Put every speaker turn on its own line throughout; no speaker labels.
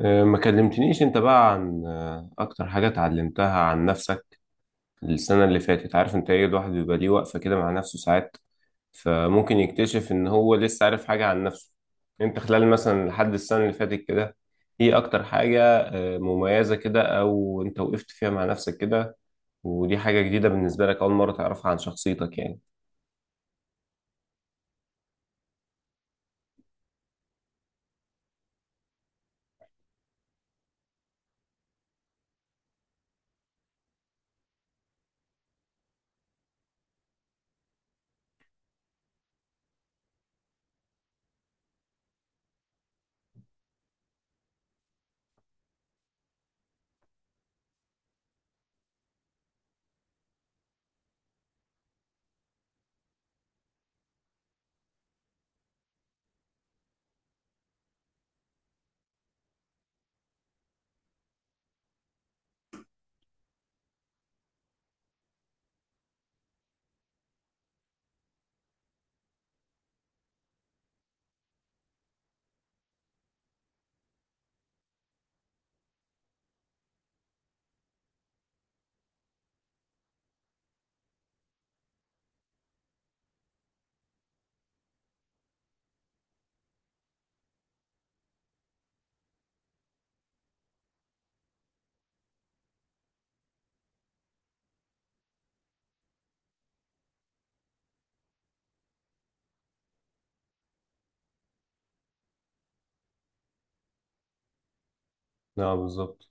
ما كلمتنيش انت بقى عن اكتر حاجة اتعلمتها عن نفسك السنة اللي فاتت. عارف انت ايه؟ الواحد بيبقى ليه وقفة كده مع نفسه ساعات، فممكن يكتشف ان هو لسه عارف حاجة عن نفسه. انت خلال مثلا لحد السنة اللي فاتت كده، ايه اكتر حاجة مميزة كده او انت وقفت فيها مع نفسك كده؟ ودي حاجة جديدة بالنسبة لك، اول مرة تعرفها عن شخصيتك يعني. اه، بالظبط.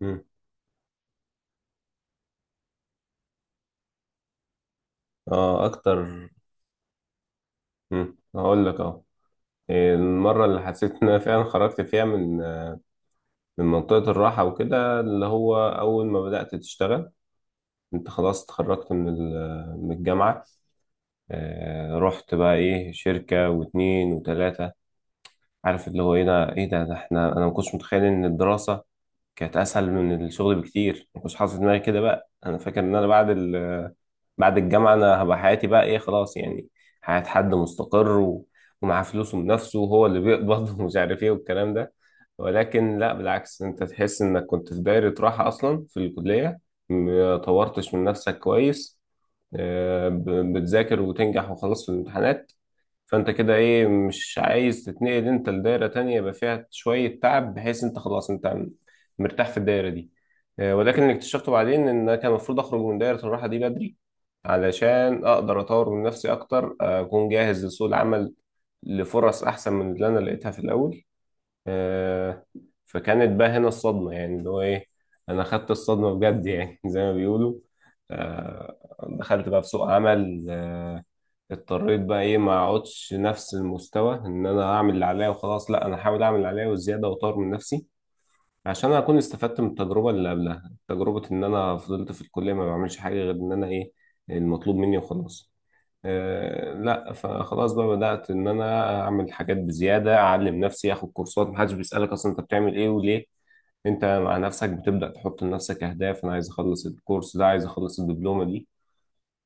مم. اه اكتر. مم. هقول لك اه، المرة اللي حسيت إن أنا فعلا خرجت فيها من منطقة الراحة وكده اللي هو أول ما بدأت تشتغل. أنت خلاص اتخرجت من من الجامعة. رحت بقى إيه؟ شركة واتنين وتلاتة. عارف اللي هو إيه ده إيه ده إحنا، أنا ما كنتش متخيل إن الدراسة كانت أسهل من الشغل بكتير. ما كنتش حاطط في دماغي كده. بقى أنا فاكر إن أنا بعد بعد الجامعة أنا هبقى حياتي بقى إيه؟ خلاص يعني حياة حد مستقر ومعاه فلوسه بنفسه وهو اللي بيقبض ومش عارف إيه والكلام ده. ولكن لا، بالعكس، أنت تحس إنك كنت في دايرة راحة أصلا في الكلية، ما طورتش من نفسك كويس. آه، ب- بتذاكر وتنجح وخلاص في الامتحانات. فانت كده ايه؟ مش عايز تتنقل انت لدايره تانية يبقى فيها شويه تعب، بحيث انت خلاص انت مرتاح في الدايره دي. ولكن اللي اكتشفته بعدين ان انا كان المفروض اخرج من دايره الراحه دي بدري علشان اقدر اطور من نفسي اكتر، اكون جاهز لسوق العمل لفرص احسن من اللي انا لقيتها في الاول. آه، فكانت بقى هنا الصدمه يعني اللي هو ايه، انا خدت الصدمه بجد يعني زي ما بيقولوا. آه، دخلت بقى في سوق عمل، اضطريت بقى ايه؟ ما اقعدش نفس المستوى ان انا اعمل اللي عليا وخلاص. لا، انا هحاول اعمل اللي عليا وزياده واطور من نفسي عشان اكون استفدت من التجربه اللي قبلها، تجربه ان انا فضلت في الكليه ما بعملش حاجه غير ان انا ايه؟ المطلوب مني وخلاص. آه لا، فخلاص بقى بدات ان انا اعمل حاجات بزياده، اعلم نفسي، اخد كورسات. محدش بيسالك اصلا انت بتعمل ايه وليه، انت مع نفسك بتبدا تحط لنفسك اهداف. انا عايز اخلص الكورس ده، عايز اخلص الدبلومه دي،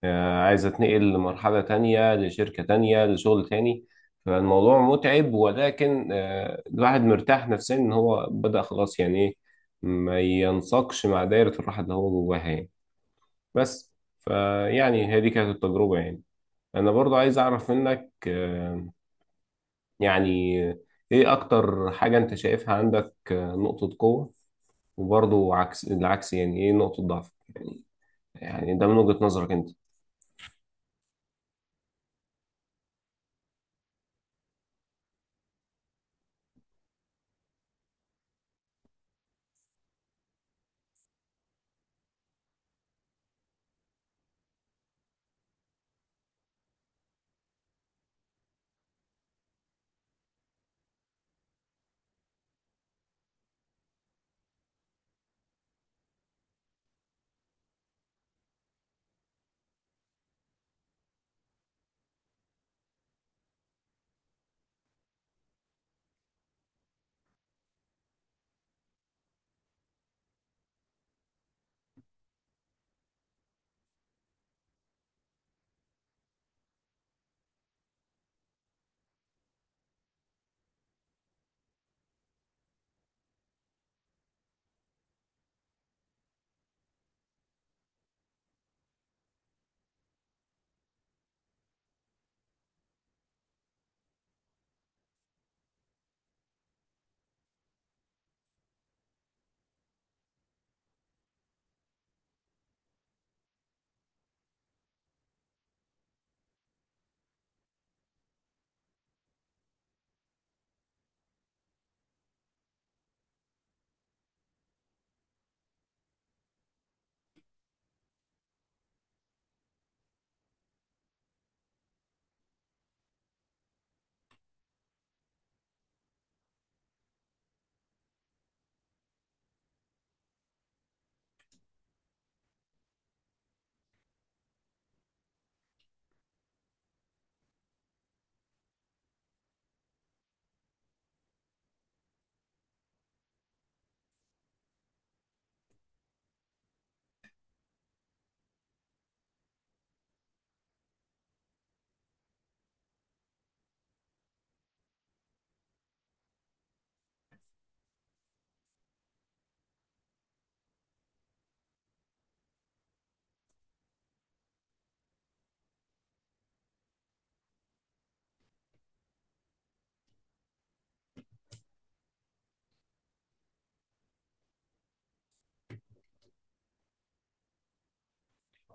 عايز اتنقل لمرحلة تانية لشركة تانية لشغل تاني. فالموضوع متعب ولكن الواحد مرتاح نفسيا ان هو بدأ خلاص، يعني ايه ما ينساقش مع دايرة الراحة اللي هو جواها يعني. بس فيعني هذه كانت التجربة يعني. انا برضو عايز اعرف منك يعني ايه اكتر حاجة انت شايفها عندك نقطة قوة؟ وبرضو عكس العكس، يعني ايه نقطة ضعف؟ يعني ده من وجهة نظرك انت.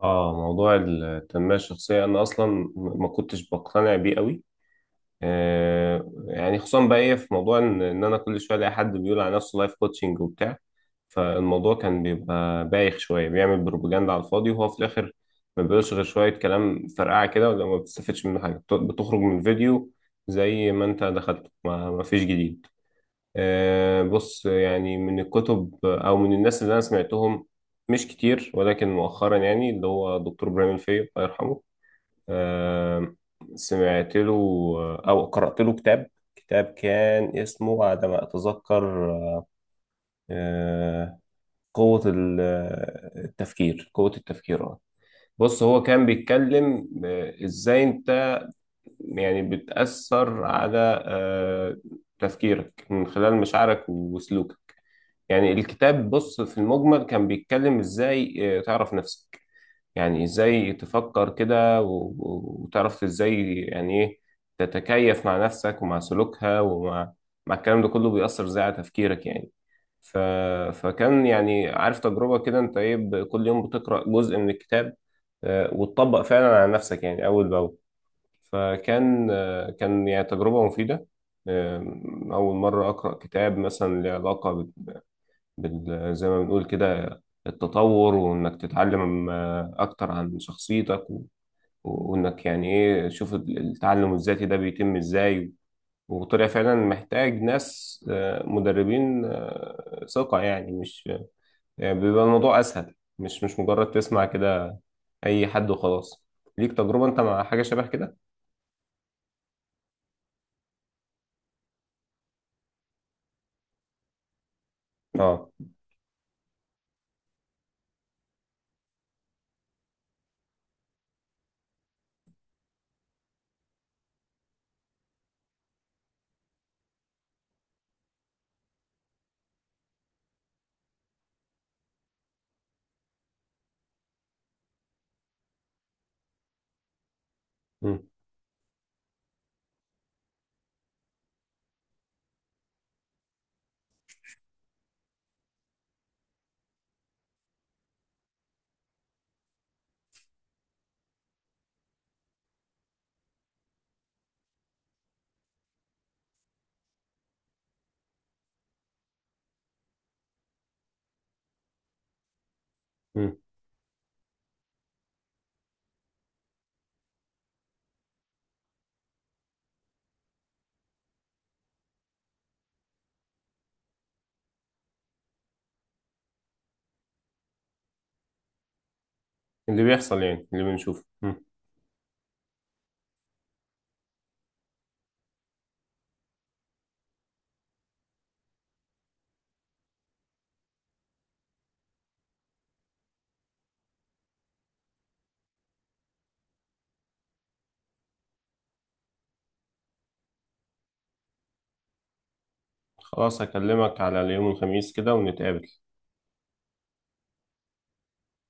اه، موضوع التنمية الشخصية أنا أصلا ما كنتش بقتنع بيه قوي. آه يعني خصوصا بقى إيه في موضوع إن أنا كل شوية ألاقي حد بيقول على نفسه لايف كوتشنج وبتاع، فالموضوع كان بيبقى بايخ شوية، بيعمل بروباجندا على الفاضي وهو في الآخر ما بيقولش غير شوية كلام فرقعة كده، ولا ما بتستفدش منه حاجة. بتخرج من الفيديو زي ما أنت دخلته، ما فيش جديد. بص، يعني من الكتب او من الناس اللي انا سمعتهم مش كتير، ولكن مؤخرا يعني اللي هو دكتور ابراهيم الفقي الله يرحمه. آه، سمعت له او قرأت له كتاب. كتاب كان اسمه على ما اتذكر آه، قوة التفكير. قوة التفكير، اه. بص، هو كان بيتكلم ازاي انت يعني بتأثر على آه، تفكيرك من خلال مشاعرك وسلوكك. يعني الكتاب، بص، في المجمل كان بيتكلم ازاي تعرف نفسك، يعني ازاي تفكر كده وتعرف ازاي يعني ايه تتكيف مع نفسك ومع سلوكها ومع مع الكلام ده كله بيأثر ازاي على تفكيرك يعني. ف... فكان يعني، عارف، تجربة كده. انت ايه؟ كل يوم بتقرأ جزء من الكتاب، وتطبق فعلا على نفسك يعني أول بأول. فكان كان يعني تجربة مفيدة. آه، أول مرة أقرأ كتاب مثلا له علاقة زي ما بنقول كده التطور، وإنك تتعلم أكتر عن شخصيتك وإنك يعني إيه تشوف التعلم الذاتي ده بيتم إزاي. وطلع فعلا محتاج ناس مدربين ثقة، يعني مش يعني بيبقى الموضوع أسهل. مش مجرد تسمع كده أي حد وخلاص. ليك تجربة أنت مع حاجة شبه كده؟ اه. مم. مم. اللي بيحصل يعني اللي بنشوفه. مم. خلاص، هكلمك على اليوم الخميس كده ونتقابل.